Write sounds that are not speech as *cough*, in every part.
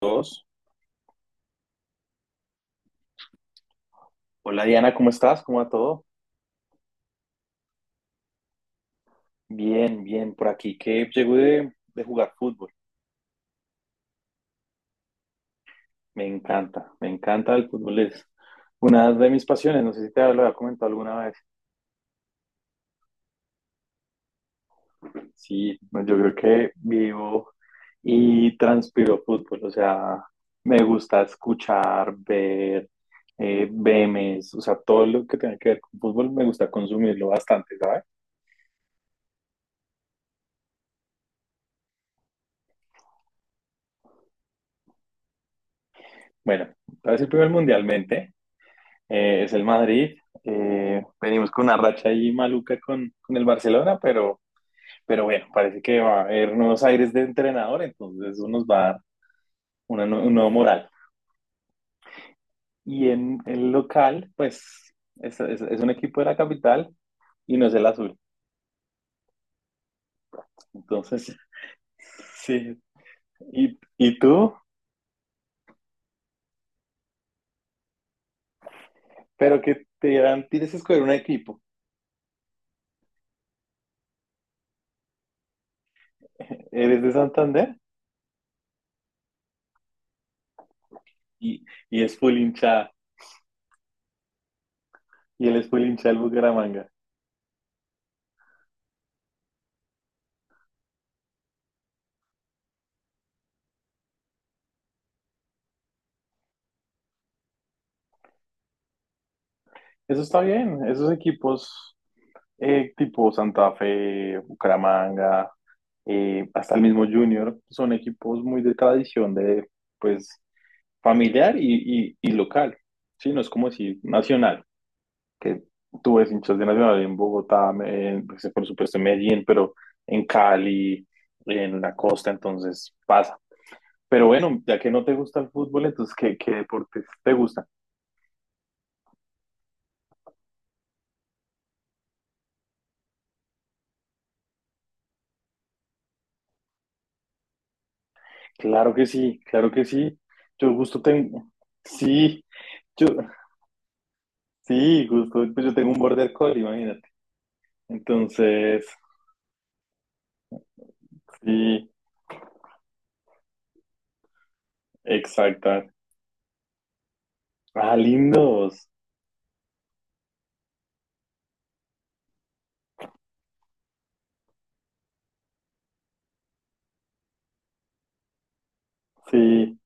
Dos. Hola Diana, ¿cómo estás? ¿Cómo va todo? Bien, bien, por aquí que llego de jugar fútbol. Me encanta el fútbol, es una de mis pasiones. No sé si te lo había comentado alguna vez. Sí, no, yo creo que vivo y transpiro fútbol, o sea, me gusta escuchar, ver, memes, o sea, todo lo que tenga que ver con fútbol me gusta consumirlo bastante, ¿sabes? Bueno, voy a decir primero mundialmente. Es el Madrid. Venimos con una racha ahí maluca con el Barcelona, pero bueno, parece que va a haber nuevos aires de entrenador, entonces eso nos va a dar un nuevo moral. Y en el local, pues es un equipo de la capital y no es el azul. Entonces, *laughs* sí. ¿Y tú? Pero que te dirán, tienes que escoger un equipo. *laughs* Eres de Santander y es full hinchada. Y él es full hincha del Bucaramanga. Eso está bien. Esos equipos tipo Santa Fe, Bucaramanga, hasta el mismo Junior, son equipos muy de tradición de, pues, familiar y local, ¿sí? No es como decir nacional, que tú ves hinchas de Nacional en Bogotá, en, pues, por supuesto en Medellín, pero en Cali, en la costa, entonces pasa. Pero bueno, ya que no te gusta el fútbol, entonces, ¿qué deportes te gustan? Claro que sí, claro que sí. Yo gusto tengo, sí, yo, sí, justo, pues yo tengo un border collie, imagínate. Entonces, sí, exacta. Ah, lindos. Sí,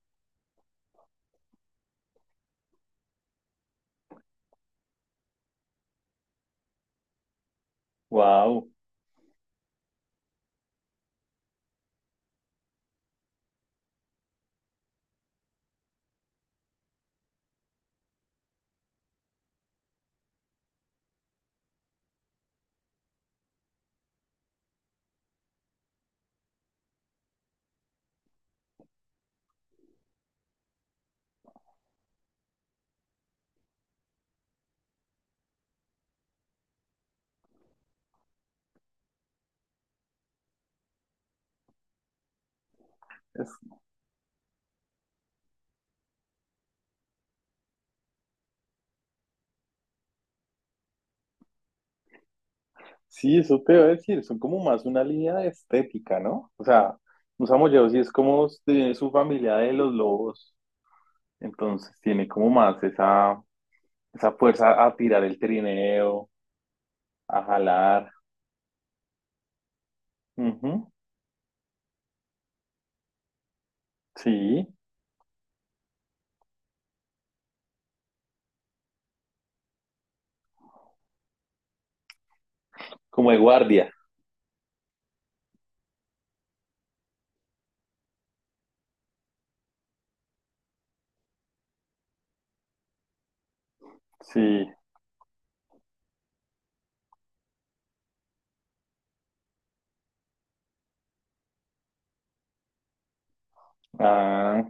wow. Sí, eso te iba a decir, son como más una línea de estética, ¿no? O sea, un samoyedo sí es como de su familia de los lobos, entonces tiene como más esa fuerza a tirar el trineo, a jalar. Ujú, sí, como de guardia. Sí, ah,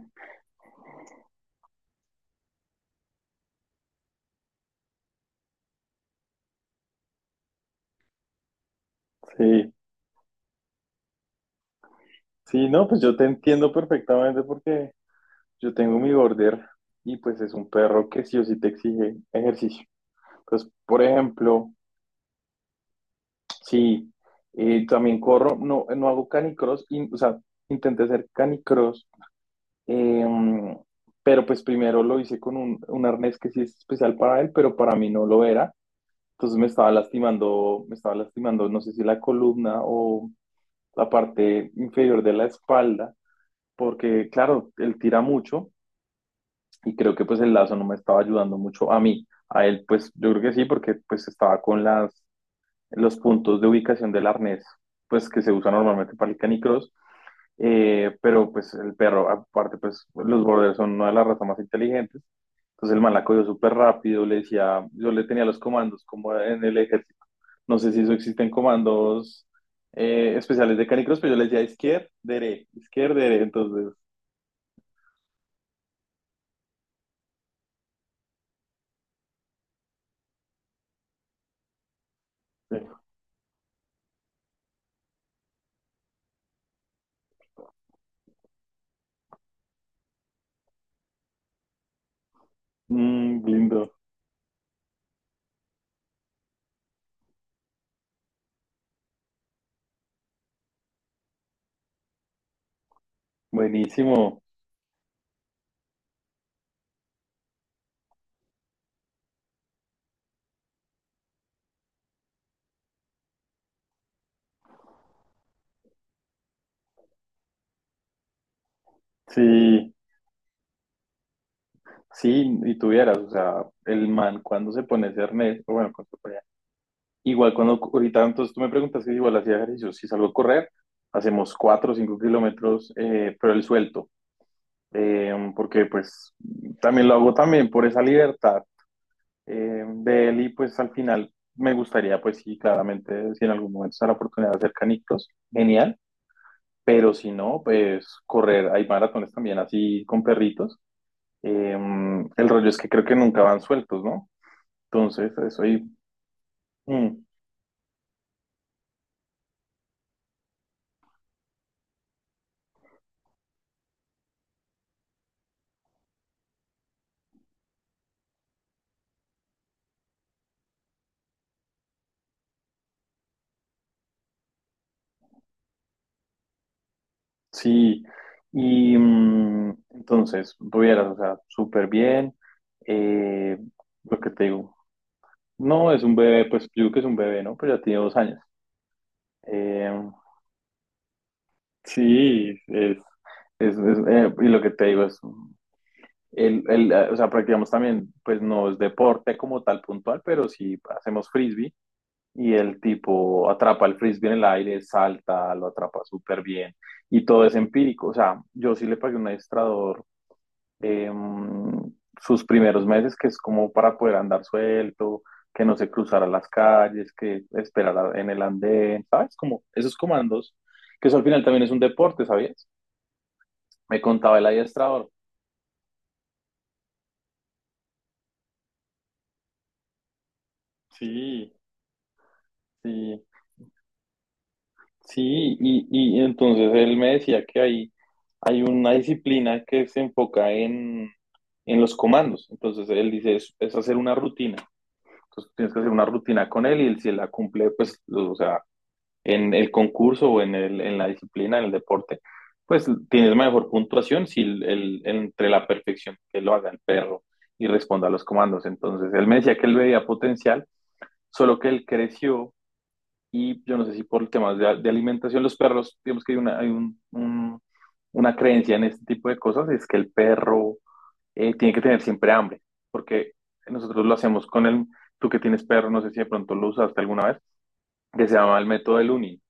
sí. Sí, no, pues yo te entiendo perfectamente porque yo tengo mi border y pues es un perro que sí o sí te exige ejercicio. Pues, por ejemplo, sí, también corro, no, no hago canicross, o sea, intenté hacer canicross, eh, pero pues primero lo hice con un arnés que sí es especial para él, pero para mí no lo era. Entonces me estaba lastimando, no sé si la columna o la parte inferior de la espalda, porque claro, él tira mucho. Y creo que pues el lazo no me estaba ayudando mucho a mí. A él pues yo creo que sí, porque pues estaba con las, los puntos de ubicación del arnés, pues que se usa normalmente para el canicross. Pero pues el perro, aparte pues los borders son una de las razas más inteligentes. Entonces el man la cogió súper rápido, le decía, yo le tenía los comandos como en el ejército. No sé si eso existen comandos especiales de canicross, pero yo le decía izquierda, dere, izquierda, dere. Entonces, eh, mm, lindo. Buenísimo. Sí, sí, y tuvieras, o sea, el man cuando se pone ese arnés, o bueno, igual cuando ahorita, entonces tú me preguntas que igual hacía ejercicio, si salgo a correr, hacemos 4 o 5 kilómetros, pero el suelto, porque pues también lo hago también por esa libertad de él y pues al final me gustaría, pues sí, claramente, si en algún momento se da la oportunidad de hacer canicos, genial, pero si no, pues correr, hay maratones también así con perritos. Eh, el rollo es que creo que nunca van sueltos, ¿no? Entonces, eso ahí, mm, sí. Y entonces, tuvieras, o sea, súper bien. Eh, lo que te digo, no es un bebé, pues yo digo que es un bebé, ¿no? Pero ya tiene 2 años. Eh, sí, y lo que te digo es, o sea, practicamos también, pues no es deporte como tal puntual, pero sí hacemos frisbee. Y el tipo atrapa el frisbee en el aire, salta, lo atrapa súper bien y todo es empírico. O sea, yo sí le pagué un adiestrador eh, sus primeros meses, que es como para poder andar suelto, que no se cruzara las calles, que esperara en el andén, ¿sabes? Como esos comandos, que eso al final también es un deporte, ¿sabías? Me contaba el adiestrador. Sí, sí. Sí, y entonces él me decía que hay una disciplina que se enfoca en los comandos. Entonces él dice, es hacer una rutina. Entonces tienes que hacer una rutina con él y él, si él la cumple, pues, o sea, en el concurso o en la disciplina, en el deporte, pues tienes mejor puntuación si entre la perfección que lo haga el perro y responda a los comandos. Entonces él me decía que él veía potencial, solo que él creció y yo no sé si por temas de alimentación, los perros, digamos que hay una, hay un- una creencia en este tipo de cosas, es que el perro tiene que tener siempre hambre, porque nosotros lo hacemos con el, tú que tienes perro, no sé si de pronto lo usaste alguna vez, que se llama el método del uni,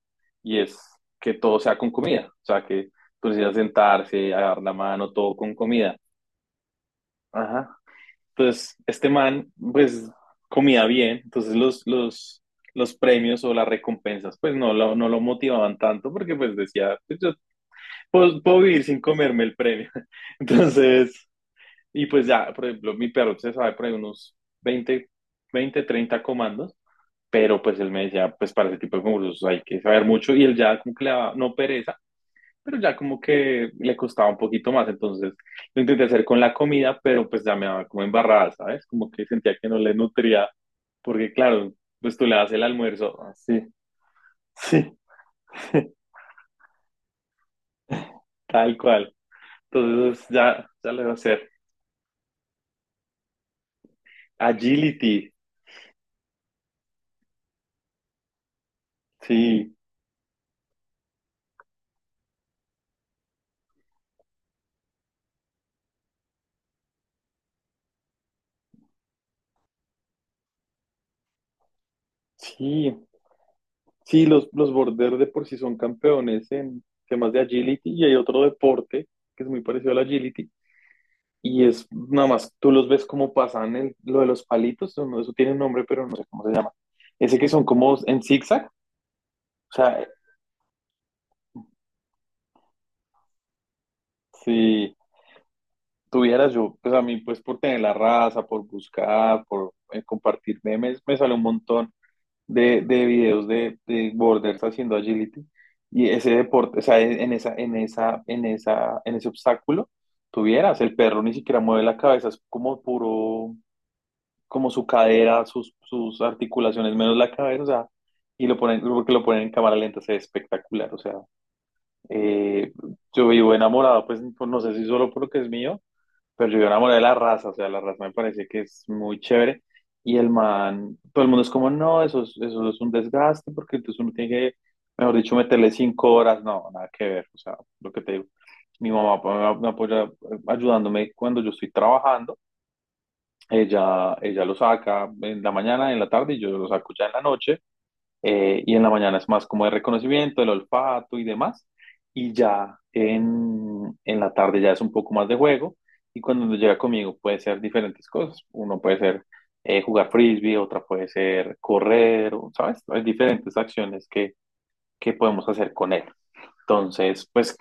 y es que todo sea con comida, o sea, que tú necesitas sentarse, agarrar la mano, todo con comida. Ajá. Entonces, este man, pues, comía bien, entonces los premios o las recompensas, pues, no lo motivaban tanto porque, pues, decía, pues, yo puedo vivir sin comerme el premio. *laughs* Entonces, y pues ya, por ejemplo, mi perro se sabe por ahí unos 20 20, 30 comandos, pero pues él me decía, pues, para ese tipo de concursos hay que saber mucho y él ya como que le daba, no pereza, pero ya como que le costaba un poquito más, entonces lo intenté hacer con la comida, pero pues ya me daba como embarrada, ¿sabes? Como que sentía que no le nutría, porque claro, pues tú le das el almuerzo, así, sí, *laughs* sí, tal cual. Entonces ya, ya le voy a hacer. Agility, sí, sí, sí, los border de por sí son campeones en temas de agility y hay otro deporte que es muy parecido al agility. Y es nada más, tú los ves como pasan lo de los palitos, no, eso tiene un nombre, pero no sé cómo se llama. Ese que son como en zigzag, o sea, si tuvieras yo, pues a mí, pues por tener la raza, por buscar, por compartir memes, me sale un montón de videos de borders haciendo agility. Y ese deporte, o sea, en ese obstáculo, tuvieras, el perro ni siquiera mueve la cabeza, es como puro como su cadera, sus articulaciones, menos la cabeza, o sea, y lo ponen, porque lo ponen en cámara lenta, se ve espectacular, o sea, eh, yo vivo enamorado, pues no sé si solo por lo que es mío, pero yo vivo enamorado de la raza, o sea, la raza me parece que es muy chévere, y el man, todo el mundo es como, no, eso es un desgaste, porque entonces uno tiene que, mejor dicho, meterle 5 horas, no, nada que ver, o sea, lo que te digo, mi mamá pues, me apoya ayudándome cuando yo estoy trabajando, ella lo saca en la mañana, en la tarde y yo lo saco ya en la noche. Y en la mañana es más como de reconocimiento, el olfato y demás. Y ya en la tarde ya es un poco más de juego. Y cuando llega conmigo puede ser diferentes cosas. Uno puede ser jugar frisbee, otra puede ser correr, o, ¿sabes? Hay diferentes acciones que podemos hacer con él. Entonces, pues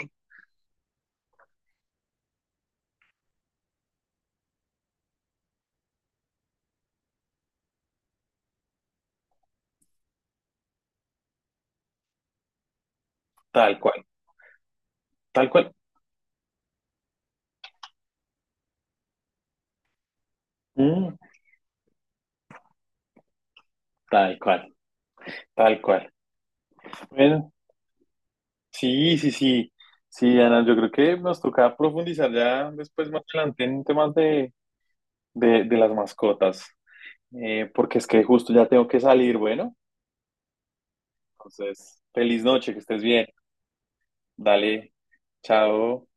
tal cual, tal cual. Mm, tal cual, tal cual. Bueno. Sí, sí, sí. Sí, Ana, yo creo que nos toca profundizar ya después más adelante en temas de las mascotas. Porque es que justo ya tengo que salir, bueno. Entonces, feliz noche, que estés bien. Dale, chao.